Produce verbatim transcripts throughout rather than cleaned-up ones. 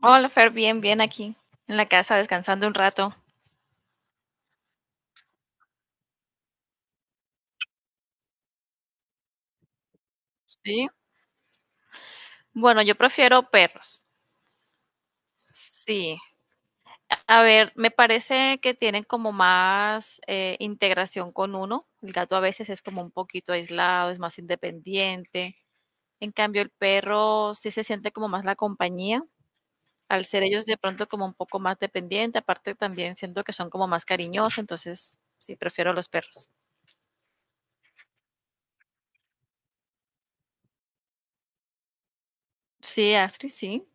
Hola, Fer, bien, bien aquí en la casa descansando un rato. Sí. Bueno, yo prefiero perros. Sí. A ver, me parece que tienen como más eh, integración con uno. El gato a veces es como un poquito aislado, es más independiente. En cambio, el perro sí se siente como más la compañía. Al ser ellos de pronto como un poco más dependiente, aparte también siento que son como más cariñosos, entonces sí, prefiero los perros. Sí, Astrid, sí.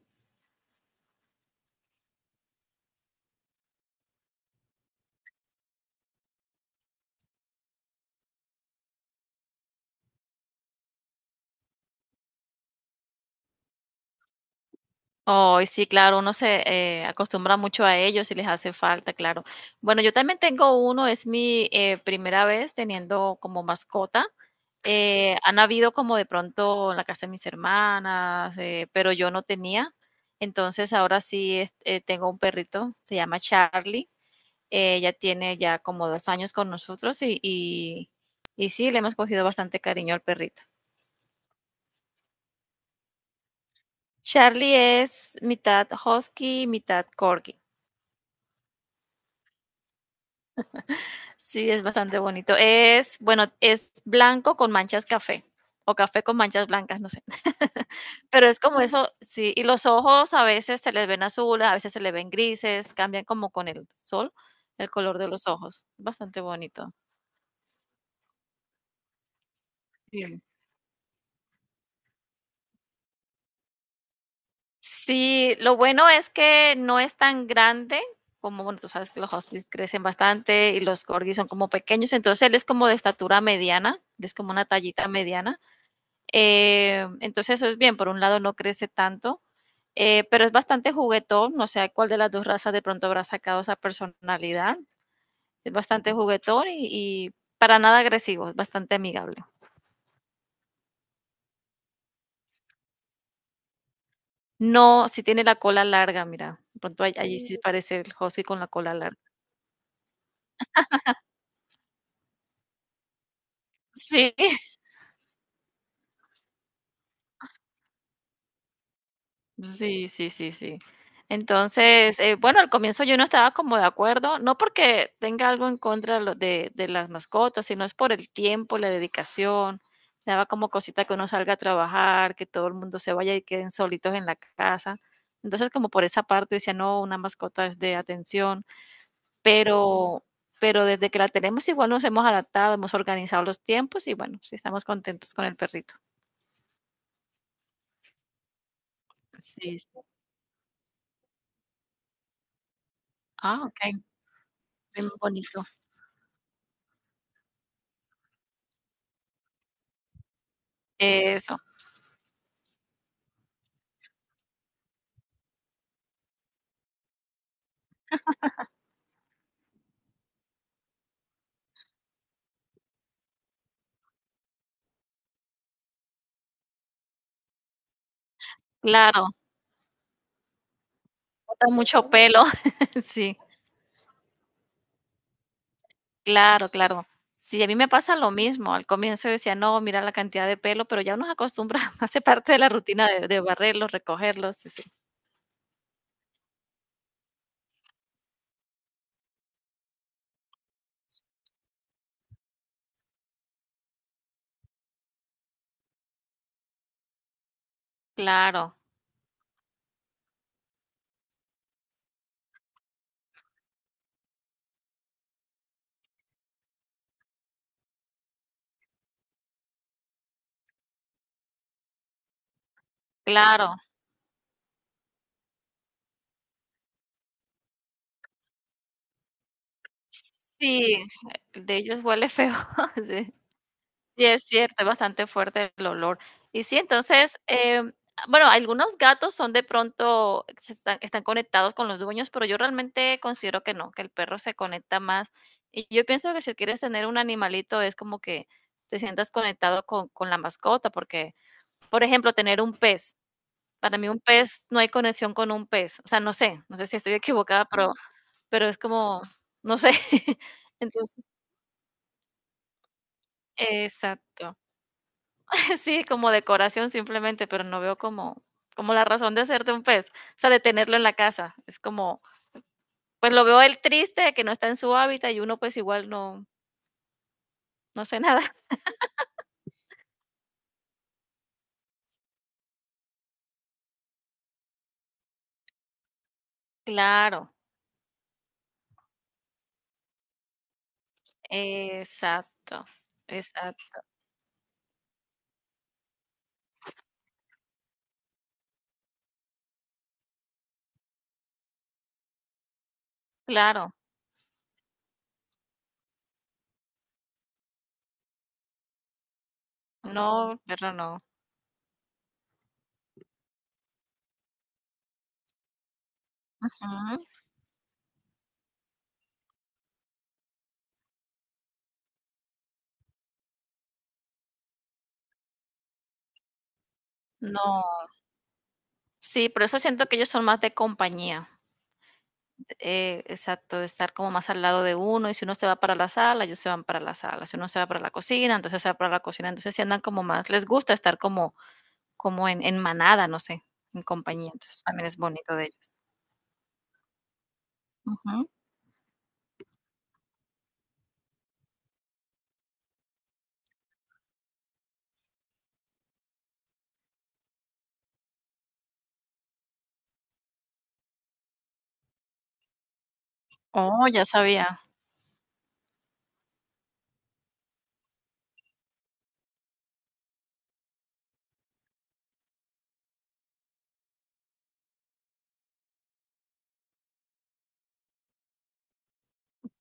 Ay, sí, claro, uno se eh, acostumbra mucho a ellos y les hace falta, claro. Bueno, yo también tengo uno, es mi eh, primera vez teniendo como mascota. Eh, han habido como de pronto en la casa de mis hermanas, eh, pero yo no tenía. Entonces ahora sí es- eh, tengo un perrito, se llama Charlie. Eh, Ella tiene ya como dos años con nosotros y, y, y sí, le hemos cogido bastante cariño al perrito. Charlie es mitad husky, mitad corgi. Sí, es bastante bonito. Es, bueno, es blanco con manchas café o café con manchas blancas, no sé. Pero es como eso, sí, y los ojos a veces se les ven azules, a veces se les ven grises, cambian como con el sol el color de los ojos. Bastante bonito. Sí. Sí, lo bueno es que no es tan grande como, bueno, tú sabes que los huskies crecen bastante y los corgis son como pequeños, entonces él es como de estatura mediana, él es como una tallita mediana. Eh, entonces eso es bien, por un lado no crece tanto, eh, pero es bastante juguetón, no sé cuál de las dos razas de pronto habrá sacado esa personalidad. Es bastante juguetón y, y para nada agresivo, es bastante amigable. No, si tiene la cola larga, mira, de pronto all- allí sí parece el husky con la cola larga. Sí, sí, sí, sí, sí. Entonces, eh, bueno, al comienzo yo no estaba como de acuerdo, no porque tenga algo en contra lo- de, de las mascotas, sino es por el tiempo, la dedicación. Me daba como cosita que uno salga a trabajar, que todo el mundo se vaya y queden solitos en la casa. Entonces, como por esa parte decía, no, una mascota es de atención, pero, pero desde que la tenemos igual nos hemos adaptado, hemos organizado los tiempos y bueno, sí estamos contentos con el perrito. Sí, sí. Ah, ok, bien bonito. Eso. Claro, bota mucho pelo. Sí, claro, claro. Sí, a mí me pasa lo mismo. Al comienzo decía: "No, mira la cantidad de pelo", pero ya uno se acostumbra, hace parte de la rutina de de barrerlos, recogerlos, sí, sí. Claro, claro. Sí, el de ellos huele feo, sí. Sí, es cierto, es bastante fuerte el olor. Y sí, entonces, em, bueno, algunos gatos son de pronto, se están, están conectados con los dueños, pero yo realmente considero que no, que el perro se conecta más. Y yo pienso que si quieres tener un animalito es como que te sientas conectado con, con la mascota, porque, por ejemplo, tener un pez, para mí un pez, no hay conexión con un pez. O sea, no sé, no sé si estoy equivocada, pero, pero es como, no sé. Entonces, exacto. Sí, como decoración simplemente, pero no veo como, como la razón de ser de un pez, o sea, de tenerlo en la casa. Es como, pues lo veo él triste de que no está en su hábitat y uno pues igual no, no hace nada. Claro, exacto, exacto, claro. No, pero no. Ujú. No, sí, por eso siento que ellos son más de compañía. Eh, exacto, de estar como más al lado de uno. Y si uno se va para la sala, ellos se van para la sala. Si uno se va para la cocina, entonces se va para la cocina. Entonces sí andan como más, les gusta estar como como en en manada, no sé, en compañía, entonces también es bonito de ellos. Ujú. Oh, ya sabía.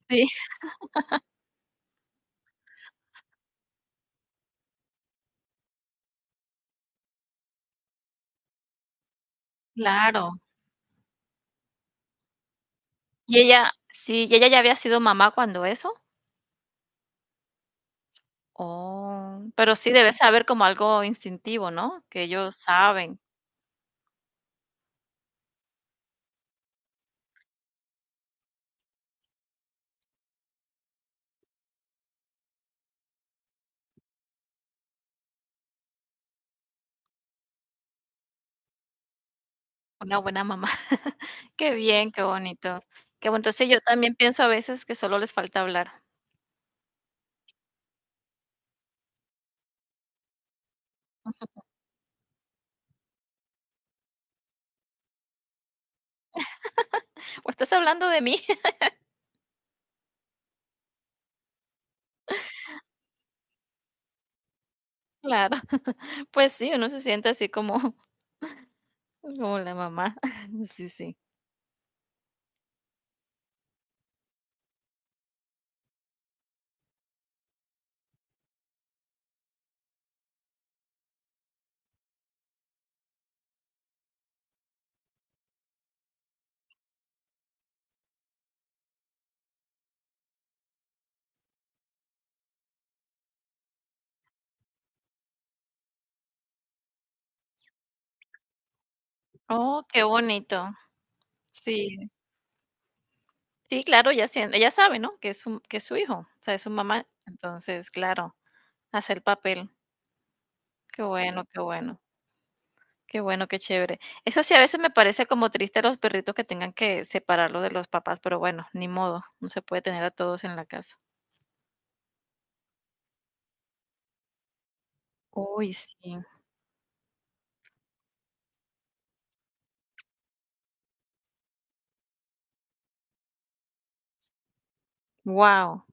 Sí, claro. ¿Y ella sí, y ella ya había sido mamá cuando eso? Oh, pero sí debe saber como algo instintivo, ¿no? Que ellos saben, una buena mamá. Qué bien, qué bonito. Qué bueno. Sí, yo también pienso a veces que solo les falta hablar. ¿O estás hablando de mí? Claro. Pues sí, uno se siente así como como la mamá. Sí, sí. Oh, qué bonito. Sí. Sí, claro, ella sien ella sabe, ¿no?, que es su que es su hijo, o sea, es su mamá. Entonces, claro, hace el papel. Qué bueno, qué bueno, qué bueno, qué chévere. Eso sí, a veces me parece como triste a los perritos que tengan que separarlo de los papás, pero bueno, ni modo, no se puede tener a todos en la casa. Uy, sí. Wow.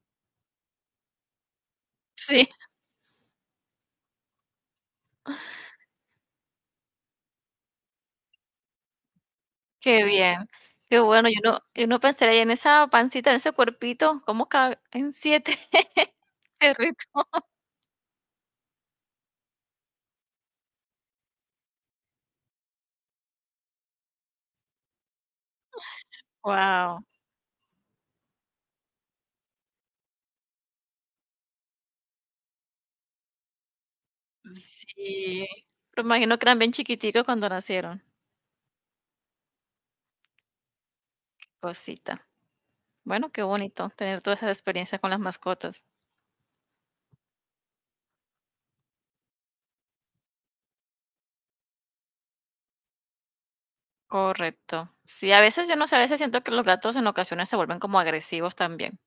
Sí, qué bien, qué bueno. Yo no yo no pensaría en esa pancita, en ese cuerpito, cómo caben siete perritos. Wow. Sí, pero imagino que eran bien chiquiticos cuando nacieron. Cosita. Bueno, qué bonito tener todas esas experiencias con las mascotas. Correcto. Sí, a veces yo no sé, a veces siento que los gatos en ocasiones se vuelven como agresivos también.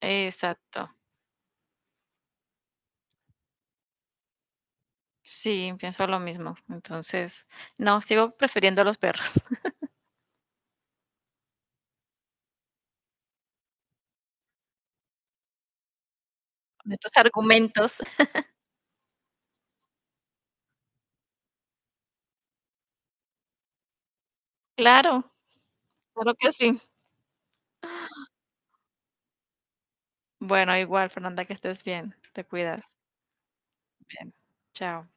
Exacto. Sí, pienso lo mismo. Entonces, no, sigo prefiriendo a los perros. Con estos argumentos. Claro, claro que sí. Bueno, igual, Fernanda, que estés bien. Te cuidas. Bien. Chao.